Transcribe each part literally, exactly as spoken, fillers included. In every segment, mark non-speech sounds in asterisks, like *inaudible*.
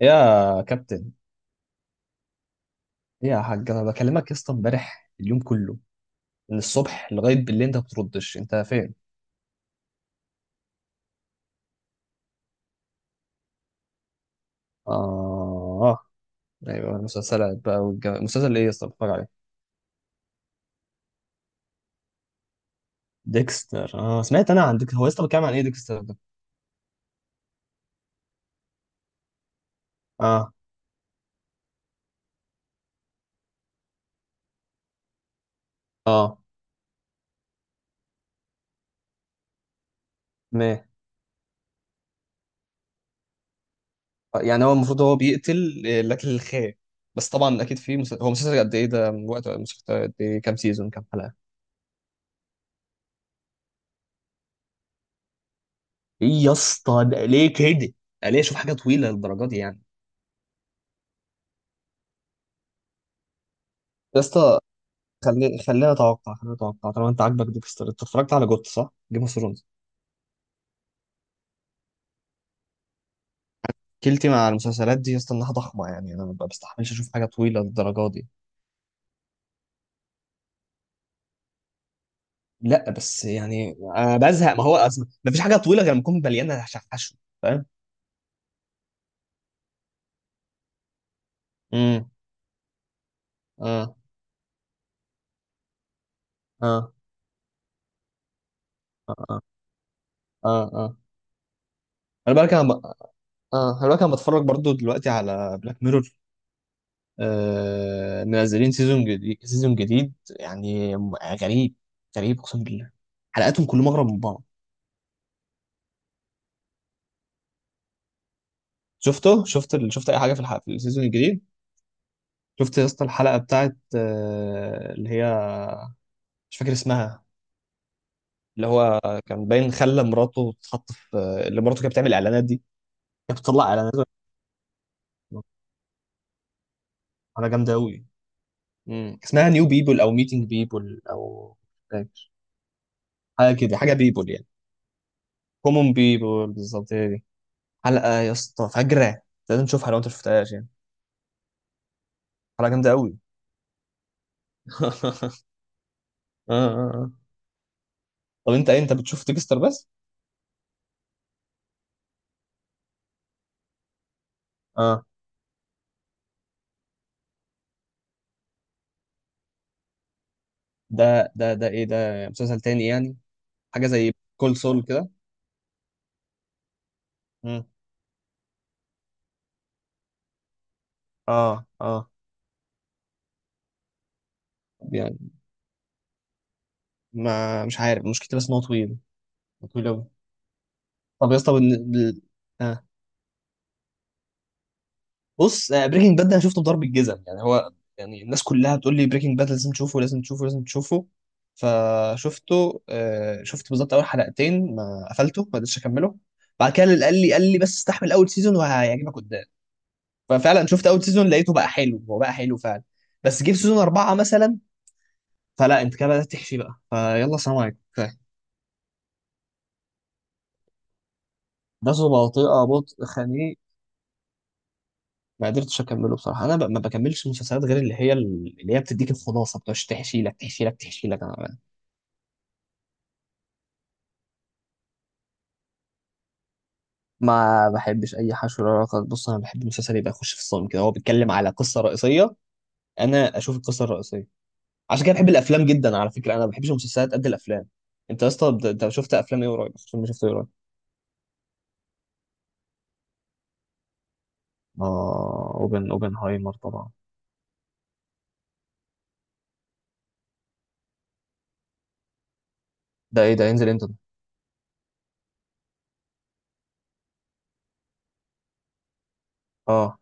يا كابتن، إيه يا حاج؟ انا بكلمك يا اسطى امبارح اليوم كله، من الصبح لغايه بالليل انت ما بتردش. انت فين؟ اه. ايوه المسلسلات بقى. والج... مسلسل ايه يا اسطى بتتفرج عليه؟ ديكستر. اه، سمعت انا عن ديكستر. هو يا اسطى بيتكلم عن ايه ديكستر ده؟ اه اه. ما يعني هو المفروض هو بيقتل آه، لاجل الخير. بس طبعا اكيد في مسلسل... هو مسلسل قد ايه ده؟ من وقت مسلسل قد ايه؟ كام سيزون؟ كام حلقه؟ ايه يا اسطى ده ليه كده؟ ده ليه؟ شوف حاجه طويله للدرجه دي يعني. يا اسطى خلي... خلينا نتوقع خلينا نتوقع طالما انت عاجبك ديكستر. انت اتفرجت على جوت؟ صح؟ جيم اوف ثرونز. كيلتي مع المسلسلات دي يا اسطى انها ضخمه، يعني انا ما بستحملش اشوف حاجه طويله للدرجه دي. لا بس يعني انا بزهق. ما هو اصلا ما فيش حاجه طويله غير لما تكون مليانه شحشو. فاهم؟ امم. اه اه اه اه اه. انا بالك انا ب... اه، انا بالك انا بتفرج برضو دلوقتي على بلاك ميرور. آه... منزلين سيزون جديد، سيزون جديد. يعني م- غريب. غريب اقسم بالله. حلقاتهم كلهم اغرب من بعض. شفته شفت ال... شفت اي حاجه في الحلقه، في السيزون الجديد؟ شفت يا اسطى الحلقه بتاعت آه، اللي هي، مش فاكر اسمها. اللي هو كان باين خلى مراته تتحط في آه، اللي مراته كانت بتعمل اعلانات دي. كانت بتطلع اعلانات على جامده قوي. مم. اسمها نيو بيبل او ميتنج بيبل او فاكر. حاجه كده، حاجه بيبل يعني. كومون بيبل، بالظبط هي دي. حلقه يا اسطى فجره. لازم تشوفها لو انت شفتهاش يعني. حلقه جامده قوي. *laughs* اه اه اه. طب انت ايه انت بتشوف ديكستر بس؟ اه. ده ده ده ايه ده؟ مسلسل تاني يعني؟ حاجه زي كول سول كده؟ مم. اه اه. يعني ما مش عارف مشكلتي، بس ان هو طويل، طويل قوي. طب يا اسطى بن- بال- آه. بص، بريكنج باد ده انا شفته بضرب الجزم يعني هو، يعني الناس كلها بتقول لي بريكنج باد لازم تشوفه لازم تشوفه لازم تشوفه. فشفته آه شفت بالظبط اول حلقتين، ما قفلته، ما قدرتش اكمله. بعد كده اللي قال لي قال لي بس استحمل اول سيزون وهيعجبك قدام. ففعلا شفت اول سيزون، لقيته بقى حلو، هو بقى حلو فعلا. بس جه في سيزون اربعه مثلا، فلا، انت كده بدات تحشي بقى، فيلا سلام عليكم. نفسه بطيئة، بطء خنيق. ما قدرتش اكمله بصراحه. انا ب- ما بكملش مسلسلات غير اللي هي اللي هي بتديك الخلاصه، بتاعش تحشي لك تحشي لك تحشي لك. أنا ما بحبش اي حشو ولا رقص. بص انا بحب المسلسل يبقى يخش في الصمت كده، هو بيتكلم على قصه رئيسيه، انا اشوف القصه الرئيسيه. عشان كده بحب الافلام جدا. على فكره انا ما بحبش المسلسلات قد الافلام. انت يا اسطى بت- انت شفت افلام ايه قريب؟ فيلم شفته ايه قريب؟ اه، اوبن اوبنهايمر طبعا. ده ايه ده؟ ينزل امتى ده؟ اه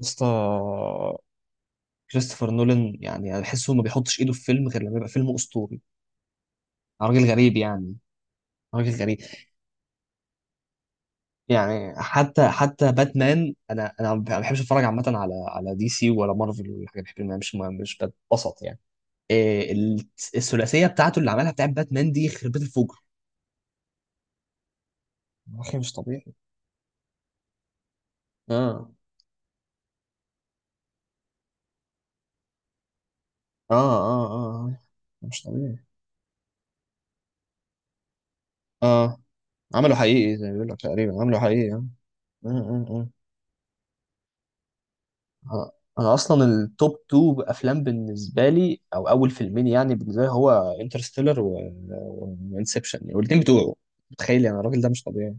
يا اسطى كريستوفر نولان يعني انا بحسه ما بيحطش ايده في فيلم غير لما يبقى فيلم اسطوري. راجل غريب يعني، راجل غريب. يعني حتى حتى باتمان، انا انا ما بحبش اتفرج عامه على على دي سي ولا مارفل ولا حاجه، بحب ما- مش مش بتبسط يعني. إيه ال- الثلاثيه بتاعته اللي عملها بتاعت باتمان دي خربت الفجر. يا اخي مش طبيعي. اه اه اه اه. آه. مش طبيعي. اه، عمله حقيقي زي ما بيقول لك، تقريبا عمله حقيقي اه. آه، آه، آه. آه، انا اصلا التوب اتنين افلام بالنسبه لي، او اول فيلمين يعني بالنسبه لي، هو انترستيلر وانسبشن، والاثنين بتوعه. متخيل يعني الراجل ده مش طبيعي.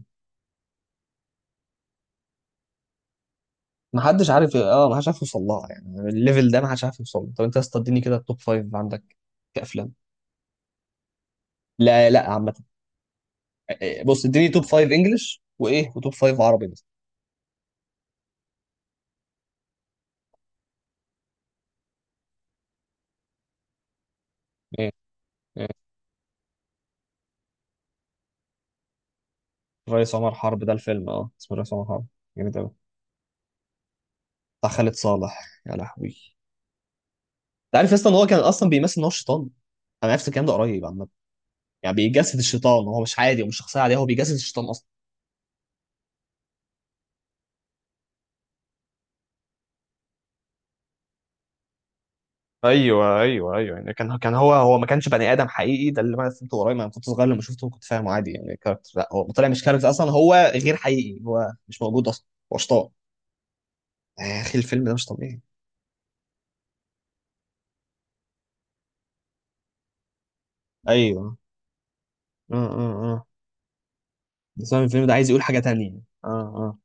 ما حدش عارف. اه، ما حدش عارف يوصل لها، يعني الليفل ده ما حدش عارف يوصل له. طب انت يا اسطى اديني كده التوب خمس عندك كافلام. لا لا عامه. إيه، بص اديني توب خمسة انجلش، وايه، وتوب خمس عربي بس. ايه؟ ايه؟ الريس عمر حرب ده الفيلم؟ اه اسمه الريس عمر حرب. جامد قوي. بتاع خالد صالح يا لهوي. انت عارف اصلا ان هو كان اصلا بيمثل ان هو شيطان؟ انا عرفت الكلام ده قريب عامه. يعني بيجسد الشيطان. هو مش عادي، ومش شخصيه عاديه، هو بيجسد الشيطان اصلا. ايوه ايوه ايوه، يعني كان كان هو هو ما كانش بني ادم حقيقي، ده اللي انا فهمته قريب. انا كنت صغير لما شفته كنت فاهمه عادي يعني كاركتر، لا هو طلع مش كاركتر اصلا، هو غير حقيقي، هو مش موجود اصلا. هو شطان. يا اخي الفيلم ده مش طبيعي. ايوه اه اه اه. بس أنا الفيلم ده عايز يقول حاجه تانية. اه اه.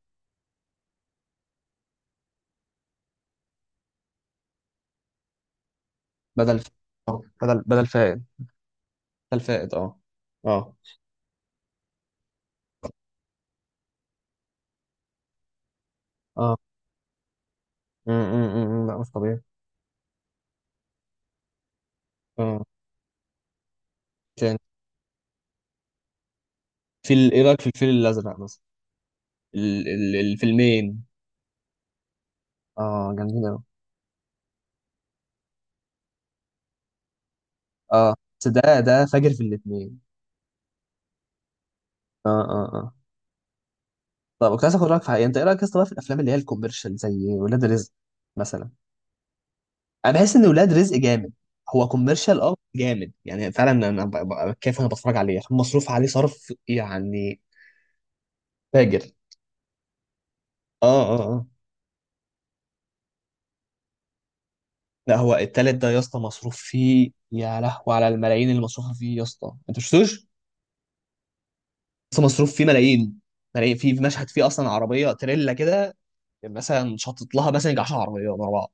بدل آه. بدل بدل فائد. بدل فائد. اه اه اه. م- م- م- م. لا، مش طبيعي. اه، في ال- ايه رايك في الفيل الازرق مثلا؟ ال- ال- الفيلمين اه جامدين قوي. اه بس ده ده فاجر في الاثنين. اه اه اه. طب كنت عايز اخد رايك في حاجه. انت ايه رايك اصلا في الافلام اللي هي الكوميرشال زي ولاد رزق مثلا؟ انا بحس ان ولاد رزق جامد. هو كوميرشال اه جامد يعني، فعلا انا ب- ب- كيف انا بتفرج عليه عشان مصروف عليه صرف يعني. فاجر. اه اه اه. لا هو التالت ده يا اسطى مصروف فيه يا لهوي، على الملايين اللي مصروفه فيه يا اسطى، انت مشفتوش. بس مصروف فيه ملايين، ملايين. في في مشهد فيه اصلا عربيه تريلا كده، مثلا شطت لها مثلا يجي عشرة عربيات ورا بعض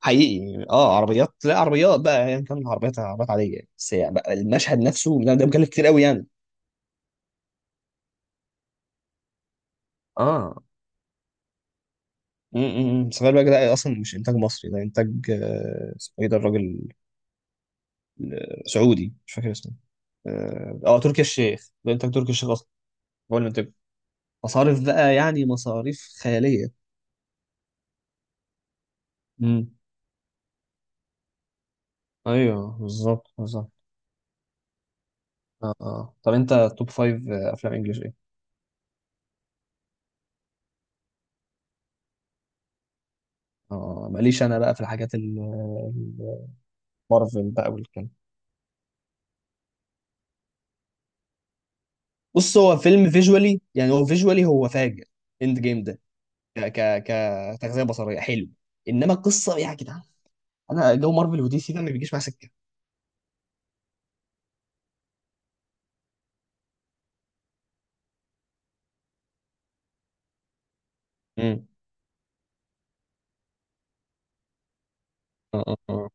حقيقي. اه، عربيات، لا، عربيات بقى يعني كان العربيات عربيات عاديه يعني. بس يعني بقى المشهد نفسه ده, ده مكلف كتير قوي يعني. اه م- م- م. سفاري بقى ده اصلا مش انتاج مصري، ده انتاج آه، اسمه ايه ده الراجل؟ آه، سعودي، مش فاكر اسمه. اه آه، تركي الشيخ، ده انتاج تركي الشيخ اصلا. هو اللي انتاج. مصاريف بقى يعني، مصاريف خياليه. امم. ايوه بالظبط، بالظبط. اه اه. طب انت توب فايف افلام انجلش ايه؟ اه ماليش انا بقى في الحاجات ال- ال- مارفل بقى والكلام. بص هو فيلم فيجوالي يعني، هو فيجوالي، هو فاجر، اند جيم ده. ك ك كتغذيه بصريه حلو، انما القصه يا جدعان. انا جو مارفل ودي سي ده ما بيجيش مع سكه. امم. اه اه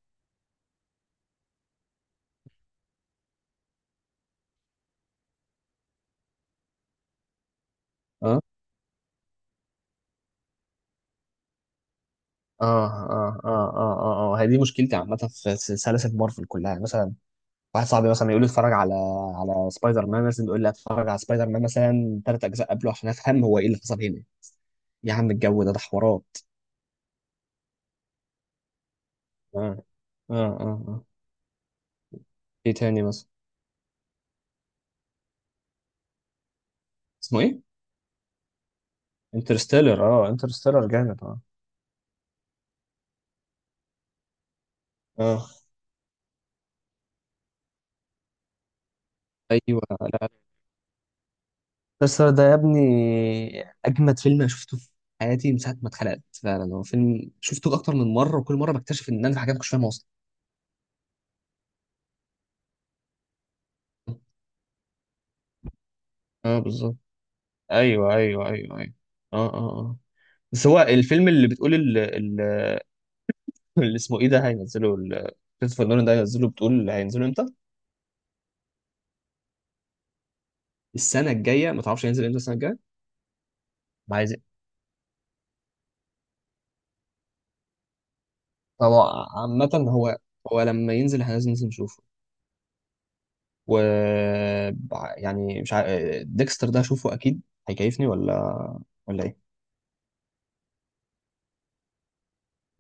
اه اه اه اه اه اه اه. هي دي مشكلتي عامة في س- سلاسل مارفل كلها، يعني مثلا واحد صاحبي مثلا يقول لي اتفرج على على سبايدر مان مثلا، يقول لي اتفرج على سبايدر مان مثلا ثلاث اجزاء قبله عشان افهم هو ايه اللي حصل هنا. يا عم الجو ده ده حوارات. اه اه اه اه. ايه تاني مثلا؟ اسمه ايه؟ انترستيلر. اه، انترستيلر جامد. اه اه، ايوه، لا، انترستيلر ده يا ابني اجمد فيلم انا شفته في حياتي، من ساعه ما اتخلقت. فعلا هو فيلم شفته اكتر من مره، وكل مره بكتشف ان انا في حاجات مش فاهمها اصلا. اه بالظبط. ايوه ايوه ايوه ايوه. اه اه اه. بس هو الفيلم اللي بتقول ال- ال- *laughs* اللي اسمه ايه ده هينزله ال- كريستوفر نولان ده، هينزله. بتقول هينزله امتى؟ السنه الجايه؟ ما تعرفش هينزل امتى السنه الجايه؟ عايز. هو عامة هو، هو لما ينزل احنا لازم ننزل نشوفه. و بع- يعني مش عارف، ديكستر ده اشوفه اكيد هيكيفني ولا ولا ايه؟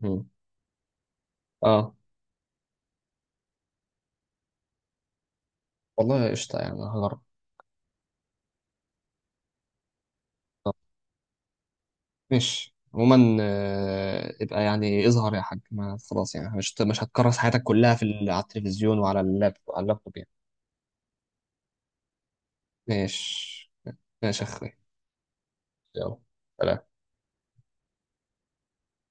مم. اه، والله قشطة، يعني هجرب. طب، ماشي عموما. آه، ابقى يعني اظهر يا حاج، ما خلاص يعني مش مش هتكرس حياتك كلها في ال- على التلفزيون، وعلى اللاب على اللابتوب يعني. ماشي، ماشي يا اخوي. يلا سلام.